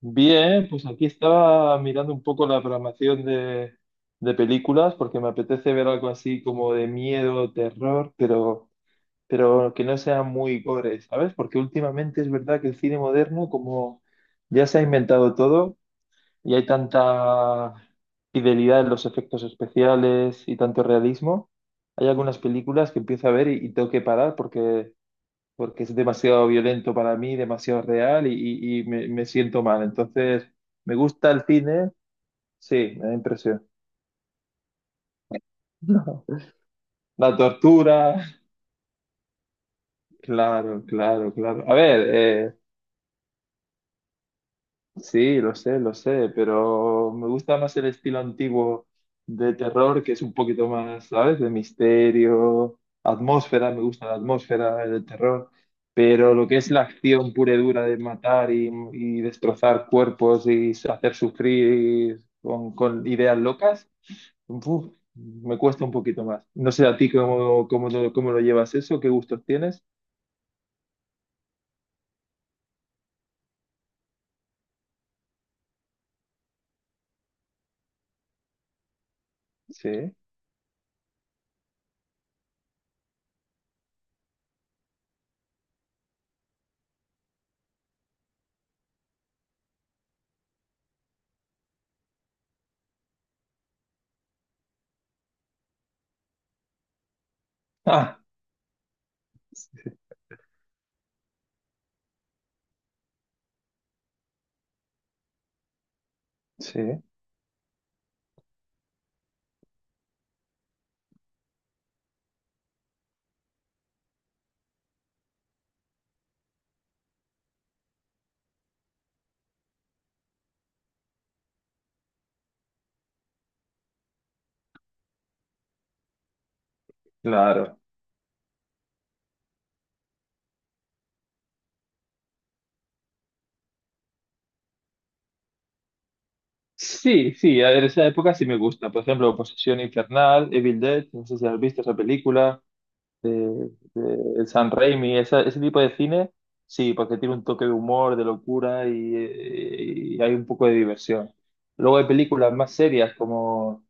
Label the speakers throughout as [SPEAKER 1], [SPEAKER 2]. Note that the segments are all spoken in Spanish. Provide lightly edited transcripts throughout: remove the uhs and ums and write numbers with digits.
[SPEAKER 1] Bien, pues aquí estaba mirando un poco la programación de películas porque me apetece ver algo así como de miedo, terror, pero que no sea muy gore, ¿sabes? Porque últimamente es verdad que el cine moderno, como ya se ha inventado todo y hay tanta fidelidad en los efectos especiales y tanto realismo, hay algunas películas que empiezo a ver y tengo que parar porque es demasiado violento para mí, demasiado real y me siento mal. Entonces, ¿me gusta el cine? Sí, me da impresión. La tortura, claro, claro, claro. A ver, sí, lo sé, pero me gusta más el estilo antiguo de terror, que es un poquito más, ¿sabes? De misterio, atmósfera, me gusta la atmósfera del terror, pero lo que es la acción pura y dura de matar y destrozar cuerpos y hacer sufrir con ideas locas, uf, me cuesta un poquito más. No sé a ti cómo lo llevas eso, qué gustos tienes. Sí. Ah, sí, claro. Sí, sí, a ver, esa época sí me gusta. Por ejemplo, Posesión Infernal, Evil Dead, no sé si has visto esa película de el San Raimi, ese tipo de cine, sí, porque tiene un toque de humor, de locura y hay un poco de diversión. Luego hay películas más serias como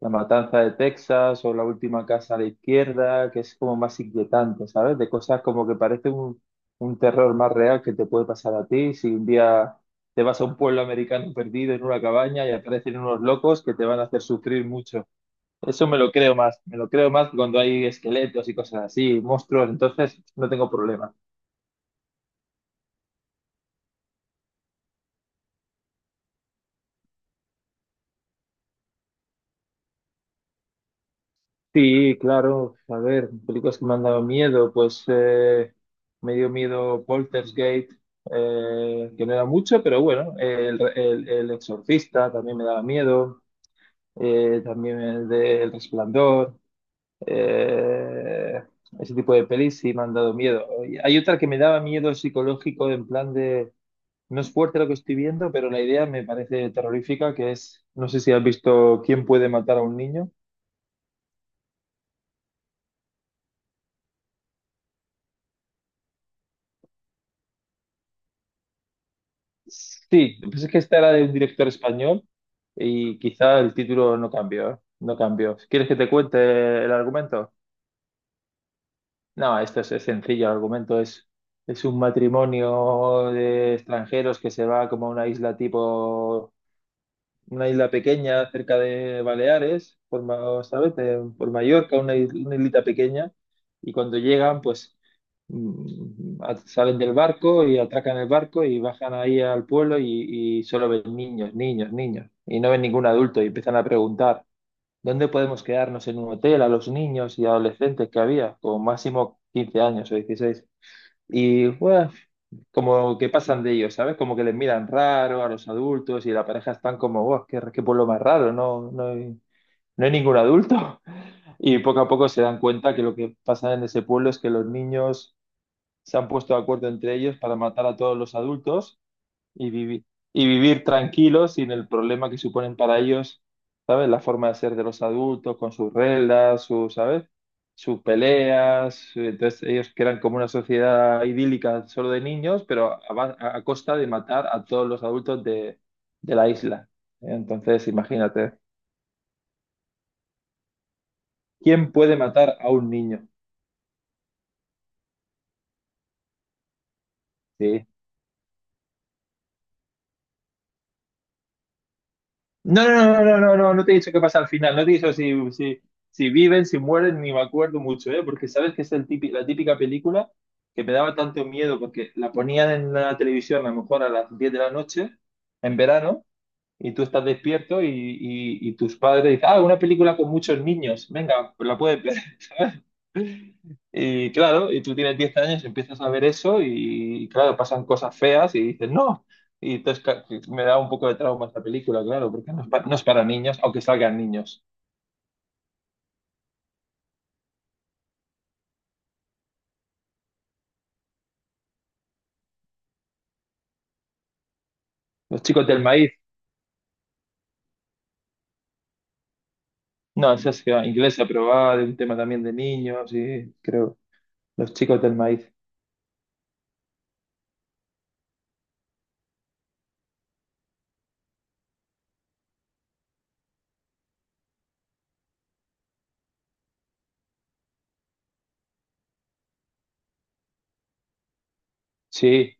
[SPEAKER 1] La Matanza de Texas o La Última Casa a la Izquierda, que es como más inquietante, ¿sabes? De cosas como que parece un terror más real que te puede pasar a ti si un día te vas a un pueblo americano perdido en una cabaña y aparecen unos locos que te van a hacer sufrir mucho. Eso me lo creo más, me lo creo más cuando hay esqueletos y cosas así, monstruos, entonces no tengo problema. Sí, claro, a ver, películas que me han dado miedo, pues me dio miedo Poltergeist, que no era mucho, pero bueno, el Exorcista también me daba miedo, también el de El Resplandor, eh, ese tipo de pelis sí me han dado miedo. Y hay otra que me daba miedo psicológico en plan de no es fuerte lo que estoy viendo, pero la idea me parece terrorífica, que es, no sé si has visto ¿Quién puede matar a un niño? Sí, pues es que esta era de un director español y quizá el título no cambió, ¿eh? No cambió. ¿Quieres que te cuente el argumento? No, esto es sencillo, el argumento es un matrimonio de extranjeros que se va como a una isla tipo una isla pequeña cerca de Baleares, ¿sabes? Por Mallorca, una islita pequeña, y cuando llegan, pues salen del barco y atracan el barco y bajan ahí al pueblo y solo ven niños, niños, niños, y no ven ningún adulto y empiezan a preguntar, ¿dónde podemos quedarnos en un hotel a los niños y adolescentes que había? Como máximo 15 años o 16. Y pues, como que pasan de ellos, ¿sabes? Como que les miran raro a los adultos y la pareja están como, wow, qué pueblo más raro, no hay ningún adulto. Y poco a poco se dan cuenta que lo que pasa en ese pueblo es que los niños se han puesto de acuerdo entre ellos para matar a todos los adultos y vivir, y vivir, tranquilos sin el problema que suponen para ellos, ¿sabes? La forma de ser de los adultos, con sus reglas, ¿sabes? Sus peleas. Entonces ellos crean como una sociedad idílica solo de niños, pero a costa de matar a todos los adultos de la isla. Entonces, imagínate, ¿quién puede matar a un niño? Sí. No, no, no, no, no, no, no te he dicho qué pasa al final, no te he dicho si, si viven, si mueren, ni me acuerdo mucho, ¿eh? Porque sabes que es el la típica película que me daba tanto miedo porque la ponían en la televisión a lo mejor a las 10 de la noche, en verano, y tú estás despierto y tus padres dicen, ah, una película con muchos niños, venga, pues la puedes ver, ¿sabes? Y claro, y tú tienes 10 años, empiezas a ver eso y claro, pasan cosas feas y dices, no. Y entonces me da un poco de trauma esta película, claro, porque no es, no es para niños, aunque salgan niños. Los chicos del maíz, no, esa es inglesa, pero va de un tema también de niños y creo, los chicos del maíz. Sí,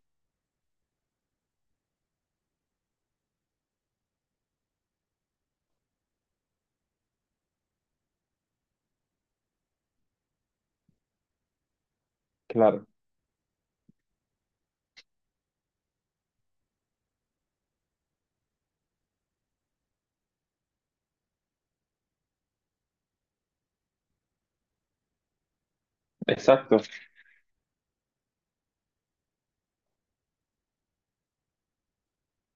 [SPEAKER 1] claro, exacto.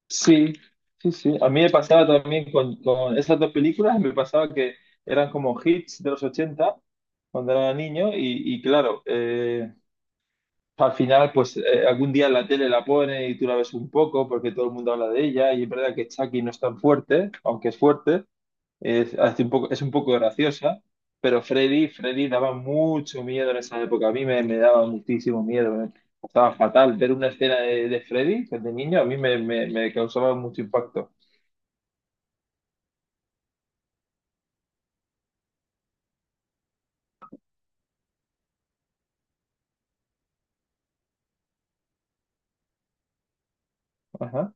[SPEAKER 1] Sí, sí, sí. A mí me pasaba también con esas dos películas, me pasaba que eran como hits de los 80 cuando era niño y claro, al final, pues algún día en la tele la pone y tú la ves un poco porque todo el mundo habla de ella y es verdad que Chucky no es tan fuerte, aunque es fuerte, es, hace un poco, es un poco graciosa, pero Freddy, Freddy daba mucho miedo en esa época, a mí me daba muchísimo miedo, eh. Estaba fatal ver una escena de, Freddy de niño, a mí me causaba mucho impacto. Ajá.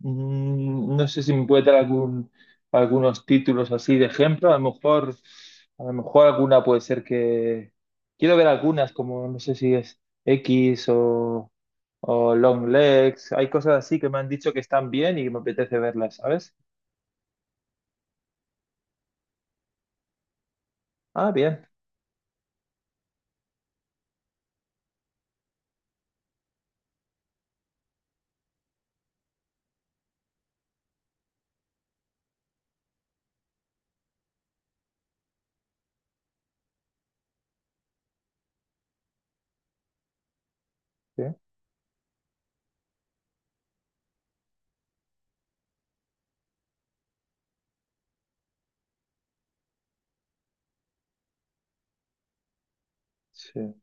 [SPEAKER 1] Mm, no sé si me puede dar algunos títulos así de ejemplo. A lo mejor alguna puede ser que. Quiero ver algunas, como no sé si es X o Long Legs. Hay cosas así que me han dicho que están bien y me apetece verlas, ¿sabes? Ah, bien. Sí, sí,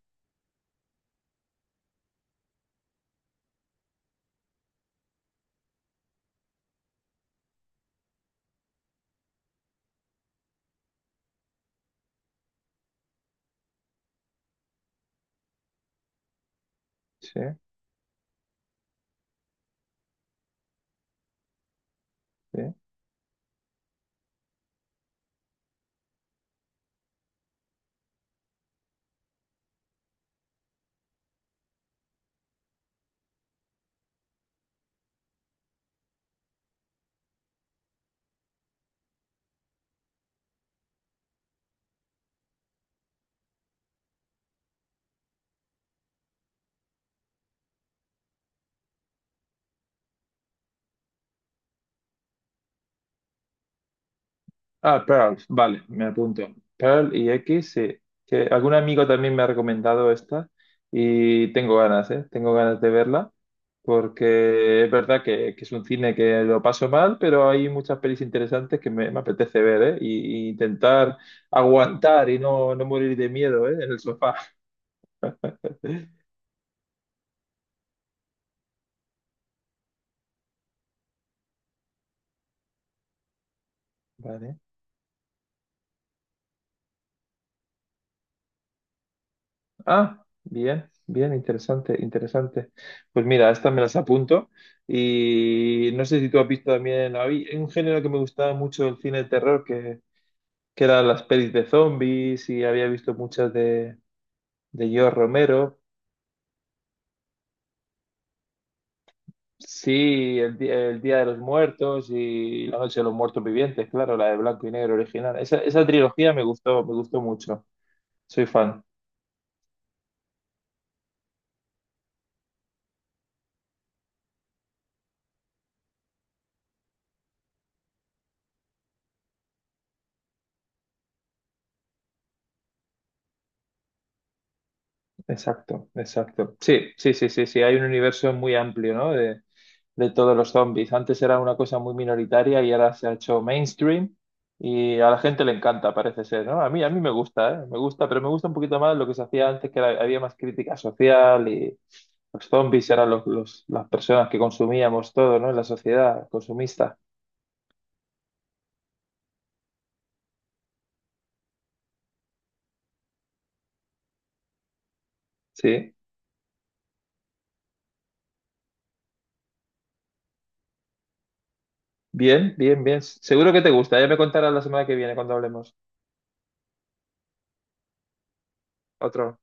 [SPEAKER 1] sí, sí. Ah, Pearl, vale, me apunto. Pearl y X, sí. Que algún amigo también me ha recomendado esta y tengo ganas, ¿eh? Tengo ganas de verla porque es verdad que, es un cine que lo paso mal, pero hay muchas pelis interesantes que me apetece ver, ¿eh? Y intentar aguantar y no morir de miedo, ¿eh? En el sofá. Vale. Ah, bien, bien, interesante, interesante. Pues mira, estas me las apunto. Y no sé si tú has visto también, hay un género que me gustaba mucho del cine de terror, que eran las pelis de zombies, y había visto muchas de George Romero. Sí, el Día de los Muertos y La Noche de los Muertos Vivientes, claro, la de blanco y negro original. Esa trilogía me gustó mucho. Soy fan. Exacto, exacto. Sí, sí, sí, sí, sí. Hay un universo muy amplio, ¿no? De todos los zombies. Antes era una cosa muy minoritaria y ahora se ha hecho mainstream y a la gente le encanta, parece ser, ¿no? A mí me gusta, ¿eh? Me gusta, pero me gusta un poquito más lo que se hacía antes, que había más crítica social y los zombies eran los, las personas que consumíamos todo, ¿no? En la sociedad consumista. Sí. Bien, bien, bien. Seguro que te gusta. Ya me contarás la semana que viene cuando hablemos. Otro.